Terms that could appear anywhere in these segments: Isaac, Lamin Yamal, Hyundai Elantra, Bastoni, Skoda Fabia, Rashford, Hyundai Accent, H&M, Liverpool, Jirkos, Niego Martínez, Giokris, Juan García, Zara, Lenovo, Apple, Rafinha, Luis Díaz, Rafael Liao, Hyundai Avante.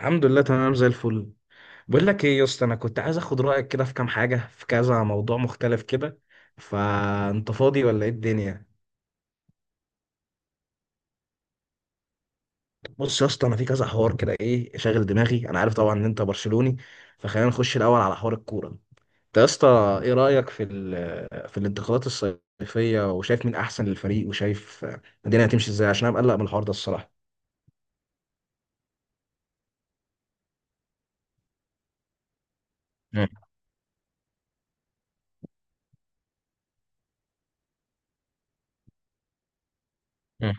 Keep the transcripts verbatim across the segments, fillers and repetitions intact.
الحمد لله، تمام زي الفل. بقول لك ايه يا اسطى، انا كنت عايز اخد رايك كده في كام حاجه، في كذا موضوع مختلف كده. فانت فاضي ولا ايه الدنيا؟ بص يا اسطى، انا في كذا حوار كده ايه شاغل دماغي. انا عارف طبعا ان انت برشلوني، فخلينا نخش الاول على حوار الكوره. انت يا اسطى، ايه رايك في ال- في الانتقالات الصيفيه؟ وشايف مين احسن للفريق، وشايف الدنيا هتمشي ازاي؟ عشان انا مقلق من الحوار ده الصراحه. مم. مم.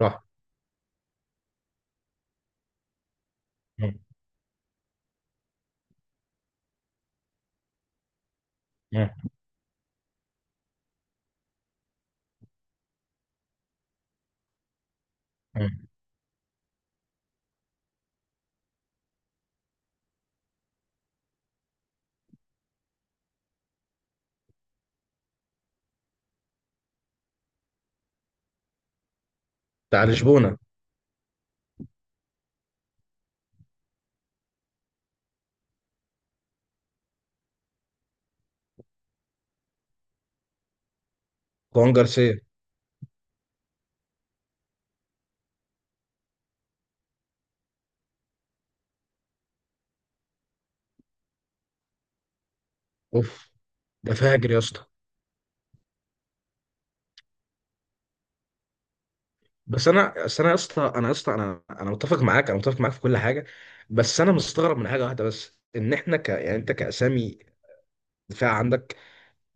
صح. مم. مم. مم. بتاع لشبونه. خوان جارسيا. اوف، ده فاجر يا اسطى. بس انا بس انا يا اسطى، انا يا اسطى انا انا متفق معاك، انا متفق معاك في كل حاجه. بس انا مستغرب من حاجه واحده بس، ان احنا ك يعني انت كاسامي، دفاع عندك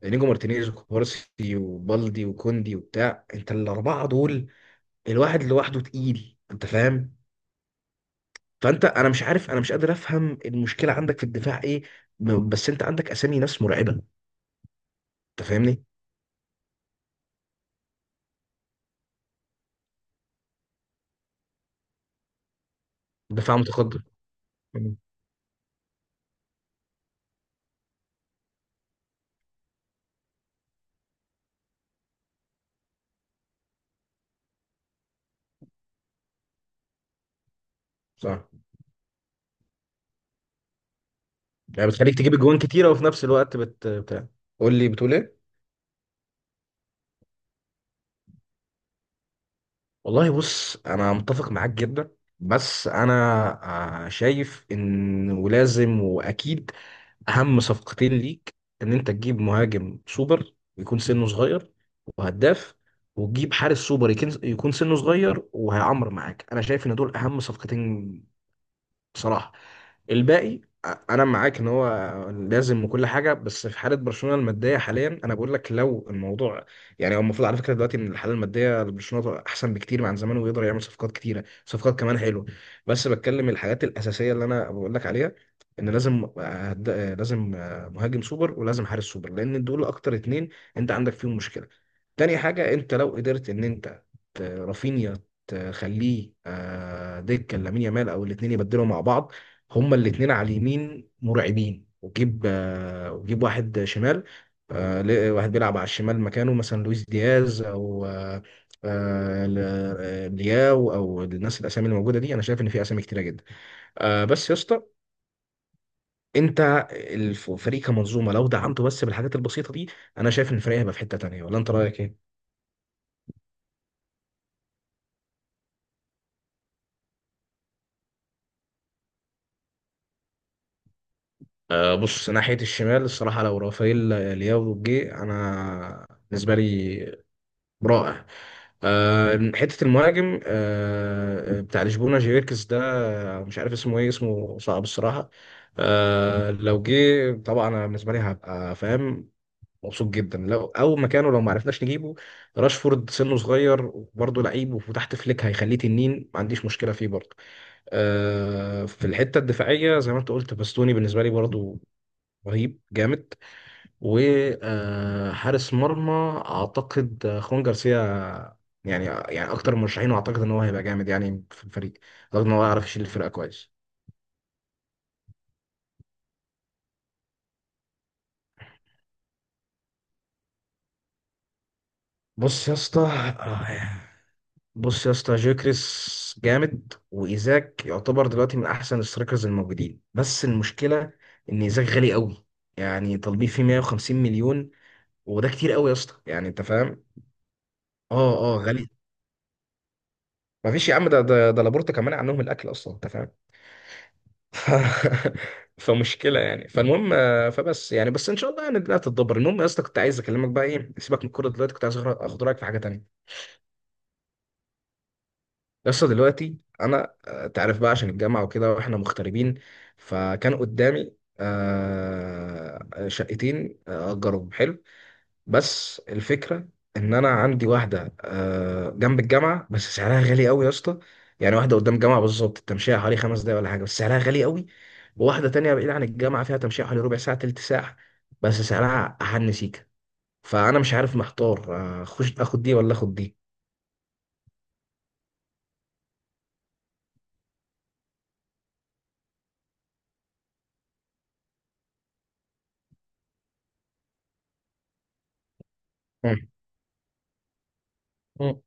نيجو مارتينيز وكوبارسي وبالدي وكوندي وبتاع، انت الاربعه دول الواحد لوحده تقيل، انت فاهم. فانت انا مش عارف، انا مش قادر افهم المشكله عندك في الدفاع ايه. م- بس انت عندك اسامي ناس مرعبه، انت فاهمني. دفاع متقدم. مم. صح. يعني بتخليك تجيب اجوان كتيره، وفي نفس الوقت بت بتاع. قول لي، بتقول ايه؟ والله بص، انا متفق معاك جدا، بس انا آه، شايف ان، ولازم واكيد، اهم صفقتين ليك ان انت تجيب مهاجم سوبر يكون سنه صغير وهداف، وتجيب حارس سوبر يكن- يكون سنه صغير وهيعمر معاك. انا شايف ان دول اهم صفقتين بصراحة. الباقي، أ- انا معاك ان هو لازم وكل حاجه، بس في حاله برشلونه الماديه حاليا انا بقول لك. لو الموضوع يعني، هو المفروض على فكره دلوقتي ان الحاله الماديه لبرشلونه احسن بكتير من عن زمان، ويقدر يعمل صفقات كتيره، صفقات كمان حلوه. بس بتكلم الحاجات الاساسيه اللي انا بقول لك عليها، ان لازم آه، هد- آه، لازم آه، مهاجم سوبر، ولازم حارس سوبر، لان دول اكتر اتنين انت عندك فيهم مشكله. تاني حاجه، انت لو قدرت ان انت ت- رافينيا تخليه آه، دكه، لامين يامال او الاثنين يبدلوا مع بعض. هما الاثنين على اليمين مرعبين. وجيب آه، وجيب واحد شمال، آه، ل- واحد بيلعب على الشمال، مكانه مثلا لويس دياز، او آه، آه، ل- آه، لياو، او الناس، الاسامي اللي موجوده دي. انا شايف ان في اسامي كتيره جدا. آه، بس يا اسطى، انت الفريق كمنظومه لو دعمته بس بالحاجات البسيطه دي، انا شايف ان الفريق هيبقى في حته تانيه. ولا انت رايك ايه؟ آه، بص، ناحية الشمال الصراحة، لو رافائيل آه، لياو جه، أنا بالنسبة لي رائع. آه، حتة المهاجم، آه، بتاع لشبونة جيركس ده، آه، مش عارف اسمه ايه، اسمه صعب الصراحة. آه، لو جه طبعا أنا بالنسبة لي هبقى فاهم، مبسوط جدا. لو، أو مكانه لو ما عرفناش نجيبه، راشفورد سنه صغير وبرضه لعيب، وتحت فليك هيخليه تنين، ما عنديش مشكلة فيه برضه. آه، في الحتة الدفاعية، زي ما انت قلت، باستوني بالنسبة لي برضه رهيب، جامد. وحارس مرمى، اعتقد آه، خوان جارسيا، يعني يعني اكتر المرشحين، واعتقد ان هو هيبقى جامد يعني في الفريق. اعتقد ان هو يعرف يشيل الفرقه كويس. بص يا اسطى آه، بص يا اسطى، جيوكريس جامد، وايزاك يعتبر دلوقتي من احسن السترايكرز الموجودين، بس المشكله ان ايزاك غالي قوي. يعني طالبين فيه مية وخمسين مليون، وده كتير قوي يا اسطى، يعني انت فاهم. اه، اه، غالي. مفيش يا عم، ده ده ده لابورتا كمان عنهم الاكل اصلا، انت فاهم. ف... فمشكله يعني. فالمهم آه، فبس يعني بس ان شاء الله يعني الدنيا هتتدبر. المهم يا اسطى، كنت عايز اكلمك بقى. ايه، سيبك من الكوره دلوقتي، كنت عايز أخد- اخد رايك في حاجه تانيه. يا اسطى دلوقتي انا، آه، تعرف بقى، عشان الجامعه وكده، واحنا مغتربين. فكان قدامي آه، شقتين آه، اجرهم حلو، بس الفكرة ان انا عندي واحدة آه، جنب الجامعة بس سعرها غالي قوي يا اسطى. يعني واحدة قدام الجامعة بالظبط، التمشية حوالي خمس دقايق ولا حاجة، بس سعرها غالي قوي. وواحدة تانية بعيدة عن الجامعة، فيها تمشية حوالي ربع ساعة، تلت ساعة، بس سعرها أحن سيكة. فأنا مش عارف، محتار آه، اخش اخد دي، ولا اخد دي. مم. مم.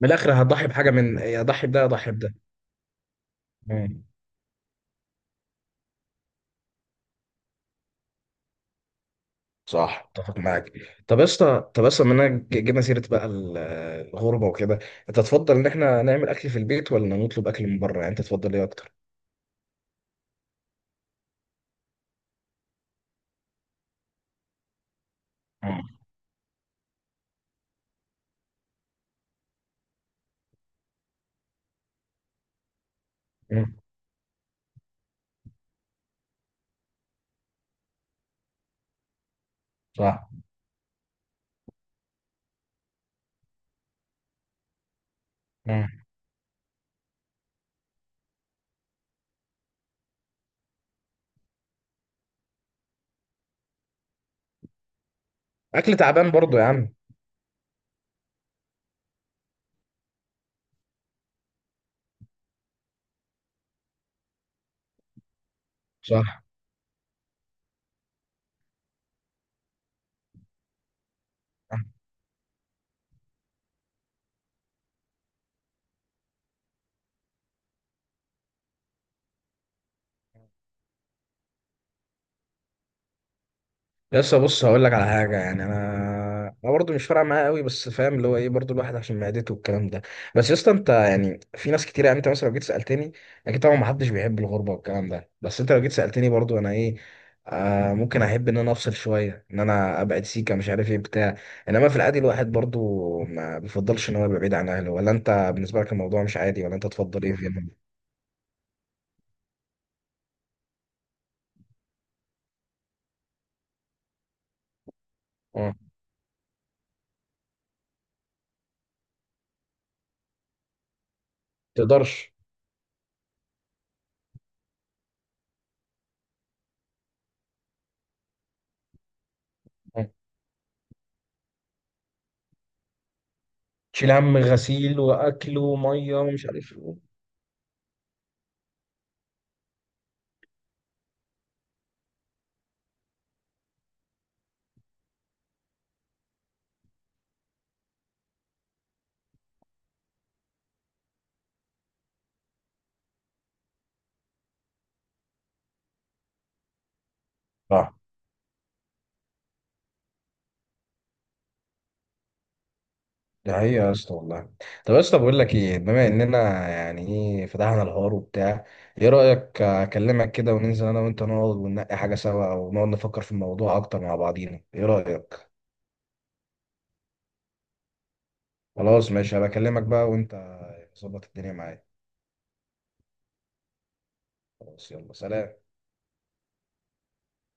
من الآخر هضحي بحاجة، من يا اضحي بده يا اضحي بده. صح، اتفق معاك. طب يا اسطى طب يا اسطى، بما اننا ج- جبنا سيره بقى ال- الغربه وكده، انت تفضل ان احنا نعمل اكل في البيت، ولا نطلب اكل من بره؟ يعني انت تفضل ايه اكتر؟ مم. مم. صح. مم. اكل تعبان برضو يا عم. صح. لسه، بص هقول لك على حاجه. يعني انا، انا برضه مش فارقه معايا قوي، بس فاهم اللي هو ايه، برضه الواحد عشان معدته والكلام ده. بس يا اسطى، انت يعني في ناس كتير، يعني انت مثلا لو جيت سالتني، اكيد طبعا ما حدش بيحب الغربه والكلام ده، بس انت لو جيت سالتني برضه، انا ايه، آه ممكن احب ان انا افصل شويه، ان انا ابعد سيكه، مش عارف ايه بتاع. انما في العادي، الواحد برضه ما بيفضلش ان هو يبقى بعيد عن اهله. ولا انت بالنسبه لك الموضوع مش عادي؟ ولا انت تفضل ايه في؟ اه. تقدرش. آه. تشيل هم غسيل واكل وميه ومش عارف ايه. ده حقيقة يا اسطى، والله. طب يا اسطى، بقول لك ايه، بما اننا يعني، ايه، فتحنا الحوار وبتاع، ايه رأيك اكلمك كده، وننزل انا وانت، نقعد وننقي حاجة سوا، او نقعد نفكر في الموضوع اكتر مع بعضينا؟ ايه رأيك؟ خلاص ماشي، هبقى اكلمك بقى، وانت ظبط الدنيا معايا. خلاص يلا، سلام.